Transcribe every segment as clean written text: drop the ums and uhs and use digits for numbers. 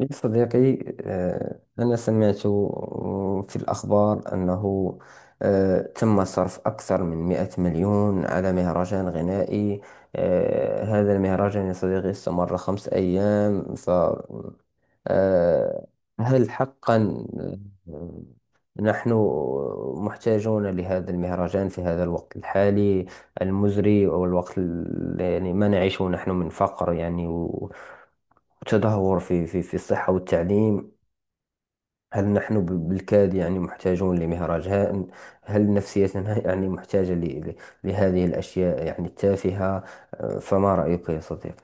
يا صديقي، أنا سمعت في الأخبار أنه تم صرف أكثر من 100 مليون على مهرجان غنائي. هذا المهرجان يا صديقي استمر 5 أيام. ف آه، هل حقا آه، نحن محتاجون لهذا المهرجان في هذا الوقت الحالي المزري والوقت يعني ما نعيشه نحن من فقر؟ يعني وتدهور في الصحة والتعليم. هل نحن بالكاد يعني محتاجون هل نفسيتنا يعني محتاجة لهذه الأشياء يعني التافهة؟ فما رأيك يا صديقي؟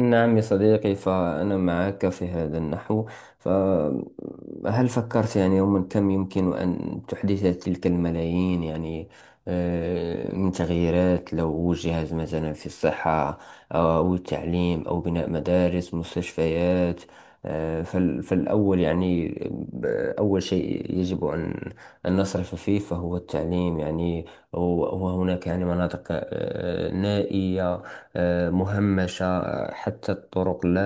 نعم يا صديقي، فأنا معك في هذا النحو. فهل فكرت يعني يوما كم يمكن أن تحدث تلك الملايين، يعني من تغييرات لو وجهت مثلا في الصحة، أو التعليم أو بناء مدارس مستشفيات؟ فالأول يعني، ب- أول شيء يجب أن نصرف فيه فهو التعليم، يعني و- وهناك يعني مناطق نائية، مهمشة. حتى الطرق لا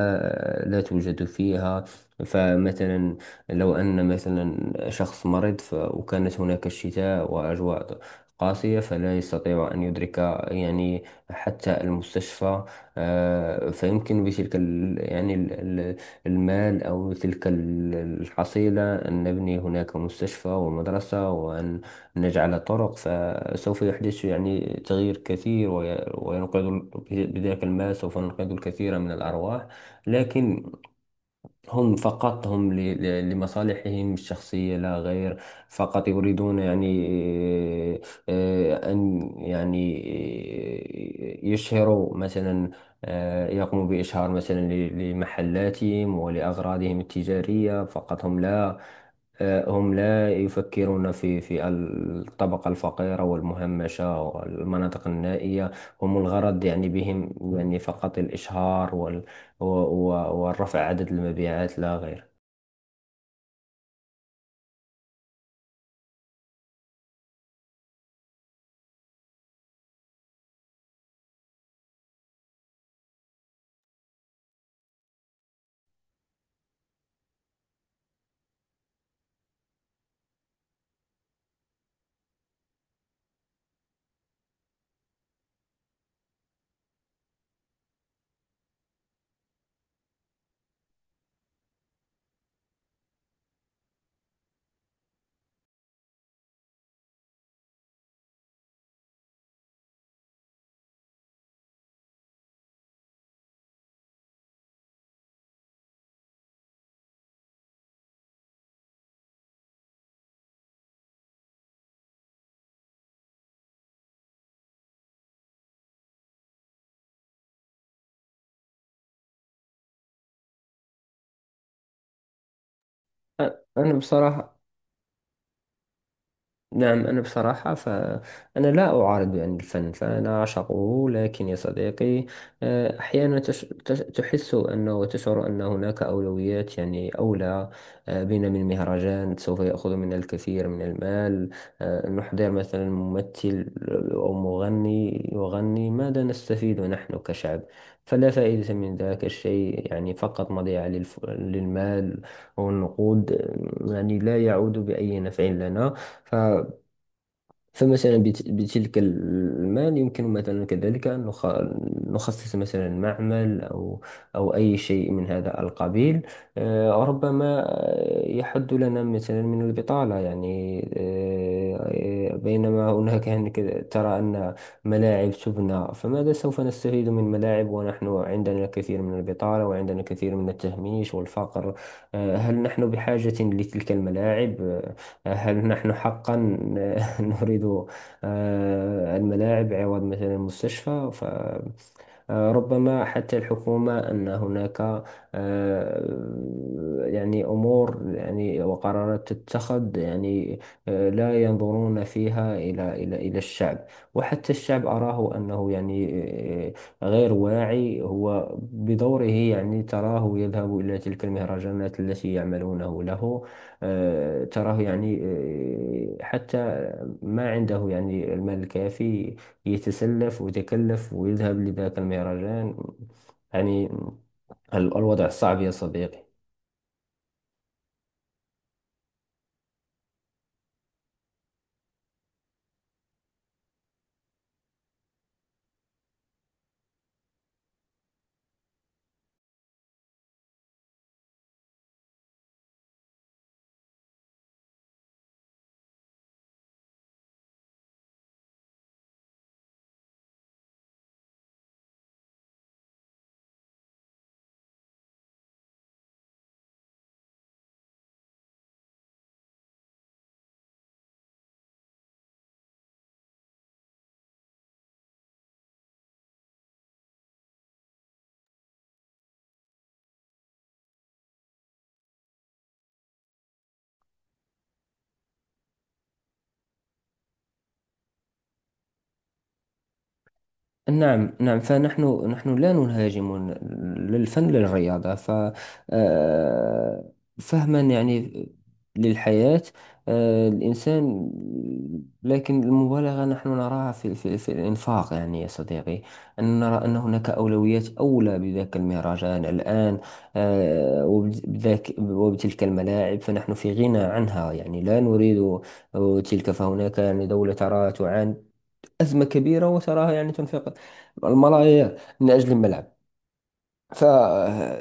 آه، لا توجد فيها. فمثلا لو أن مثلا شخص مريض، وكانت هناك الشتاء وأجواء قاسية، فلا يستطيع أن يدرك يعني حتى المستشفى. فيمكن بتلك ال- المال أو تلك الحصيلة أن نبني هناك مستشفى ومدرسة، وأن نجعل طرق. سوف يحدث يعني تغيير كثير، وينقذ بذلك الماء سوف ننقذ الكثير من الأرواح. لكن هم، فقط هم لمصالحهم الشخصية لا غير. فقط يريدون يعني أن يعني يشهروا مثلا، يقوموا بإشهار مثلا لمحلاتهم ولأغراضهم التجارية فقط. هم لا يفكرون في الطبقة الفقيرة والمهمشة والمناطق النائية. هم الغرض يعني بهم يعني فقط الإشهار والرفع عدد المبيعات لا غير. أ- أنا بصراحة. نعم، أنا بصراحة فأنا لا أعارض يعني الفن، فأنا أعشقه. لكن يا صديقي، أحيانا تحس أنه وتشعر أن هناك أولويات يعني أولى بنا من مهرجان سوف يأخذ منا الكثير من المال. نحضر مثلا ممثل أو مغني يغني. ماذا نستفيد نحن كشعب؟ فلا فائدة من ذاك الشيء، يعني فقط مضيعة للمال والنقود. يعني لا يعود بأي نفع لنا. ف فمثلا بتلك المال يمكن مثلا كذلك أن نخصص مثلا معمل أو أي شيء من هذا القبيل. ربما يحد لنا مثلا من البطالة، يعني بينما ترى أن ملاعب تبنى، فماذا سوف نستفيد من ملاعب ونحن عندنا الكثير من البطالة وعندنا الكثير من التهميش والفقر؟ هل نحن بحاجة لتلك الملاعب؟ هل نحن حقا نريد الملاعب عوض مثلا المستشفى؟ ف آه، ربما حتى الحكومة أن هناك يعني أمور، يعني وقرارات تتخذ. يعني لا ينظرون فيها إلى الشعب. وحتى الشعب أراه أنه يعني آه، غير واعي، هو بدوره يعني تراه يذهب إلى تلك المهرجانات التي يعملونه له. تراه يعني حتى ما عنده يعني المال الكافي، يتسلف ويتكلف ويذهب لذاك المهرجان. يعني الوضع صعب يا صديقي. نعم، نعم، فنحن لا نهاجم للفن للرياضة. ف آه، فهما يعني للحياة الإنسان. لكن المبالغة نحن نراها في الإنفاق، يعني يا صديقي، أن نرى أن هناك أولويات أولى بذاك المهرجان الآن. بذاك وبتلك الملاعب فنحن في غنى عنها، يعني لا نريد تلك. فهناك يعني دولة ترى تعاني أزمة كبيرة، وتراها يعني تنفق الملايير من أجل الملعب. ف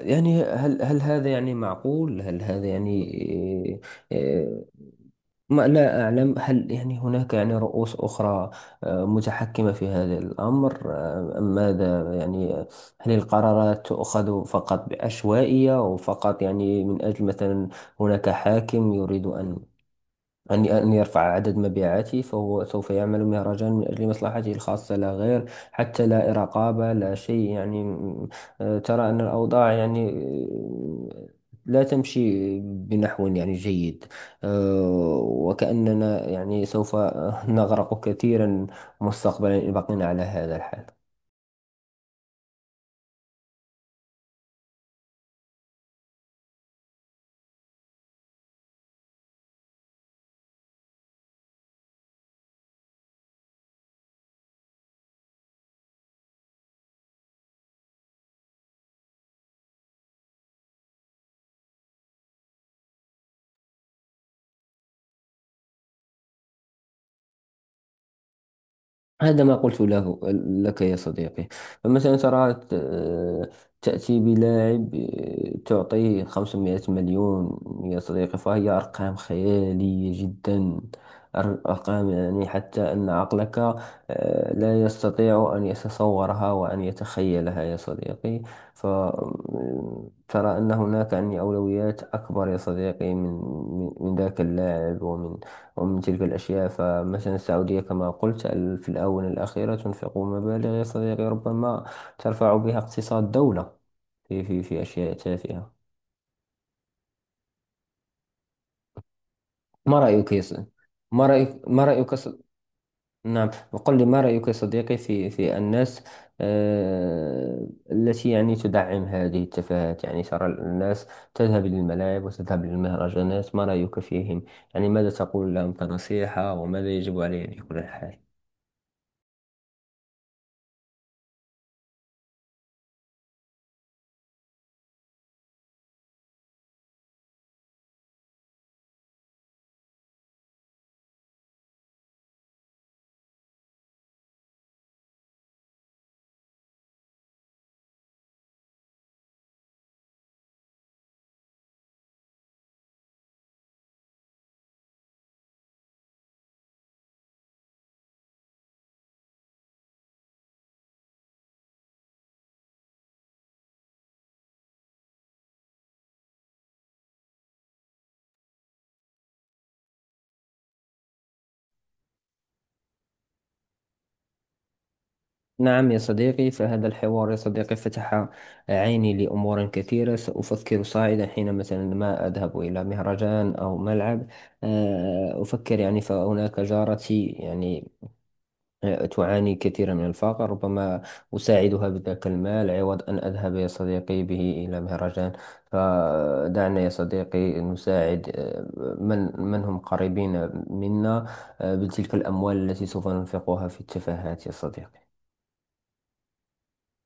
يعني هل هذا يعني معقول؟ هل هذا يعني إيه، ما لا أعلم. هل يعني هناك يعني رؤوس أخرى متحكمة في هذا الأمر، أم ماذا؟ يعني هل القرارات تؤخذ فقط بعشوائية، وفقط يعني من أجل مثلا هناك حاكم يريد أن يرفع عدد مبيعاته فهو سوف يعمل مهرجان من أجل مصلحته الخاصة لا غير؟ حتى لا رقابة، لا شيء يعني. ترى أن الأوضاع يعني لا تمشي بنحو يعني جيد. وكأننا يعني سوف نغرق كثيرا مستقبلا إن بقينا على هذا الحال. هذا ما قلت له، لك يا صديقي. فمثلا ترى تأتي بلاعب، تعطيه 500 مليون يا صديقي. فهي أرقام خيالية جدا. أر- أرقام يعني حتى أن عقلك لا يستطيع أن يتصورها وأن يتخيلها يا صديقي. فترى أن هناك يعني أولويات أكبر يا صديقي، من ذاك اللاعب، ومن تلك الأشياء. فمثلا السعودية، كما قلت، في الآونة الأخيرة تنفق مبالغ يا صديقي ربما ترفع بها اقتصاد دولة، في أشياء تافهة. ما رأيك يا ص- ما رأيك ما رأيك ص- نعم، وقل لي ما رأيك يا صديقي في الناس التي يعني تدعم هذه التفاهات، يعني ترى الناس تذهب للملاعب وتذهب للمهرجانات. ما رأيك فيهم؟ يعني ماذا تقول لهم كنصيحة، وماذا يجب عليه في كل الحال؟ نعم يا صديقي، فهذا الحوار يا صديقي فتح عيني لأمور كثيرة. سأفكر صاعدا حين مثلا ما أذهب إلى مهرجان أو ملعب، أفكر يعني فهناك جارتي يعني تعاني كثيرا من الفقر، ربما أساعدها بذاك المال عوض أن أذهب يا صديقي به إلى مهرجان. فدعنا يا صديقي نساعد، من هم قريبين منا، بتلك الأموال التي سوف ننفقها في التفاهات يا صديقي.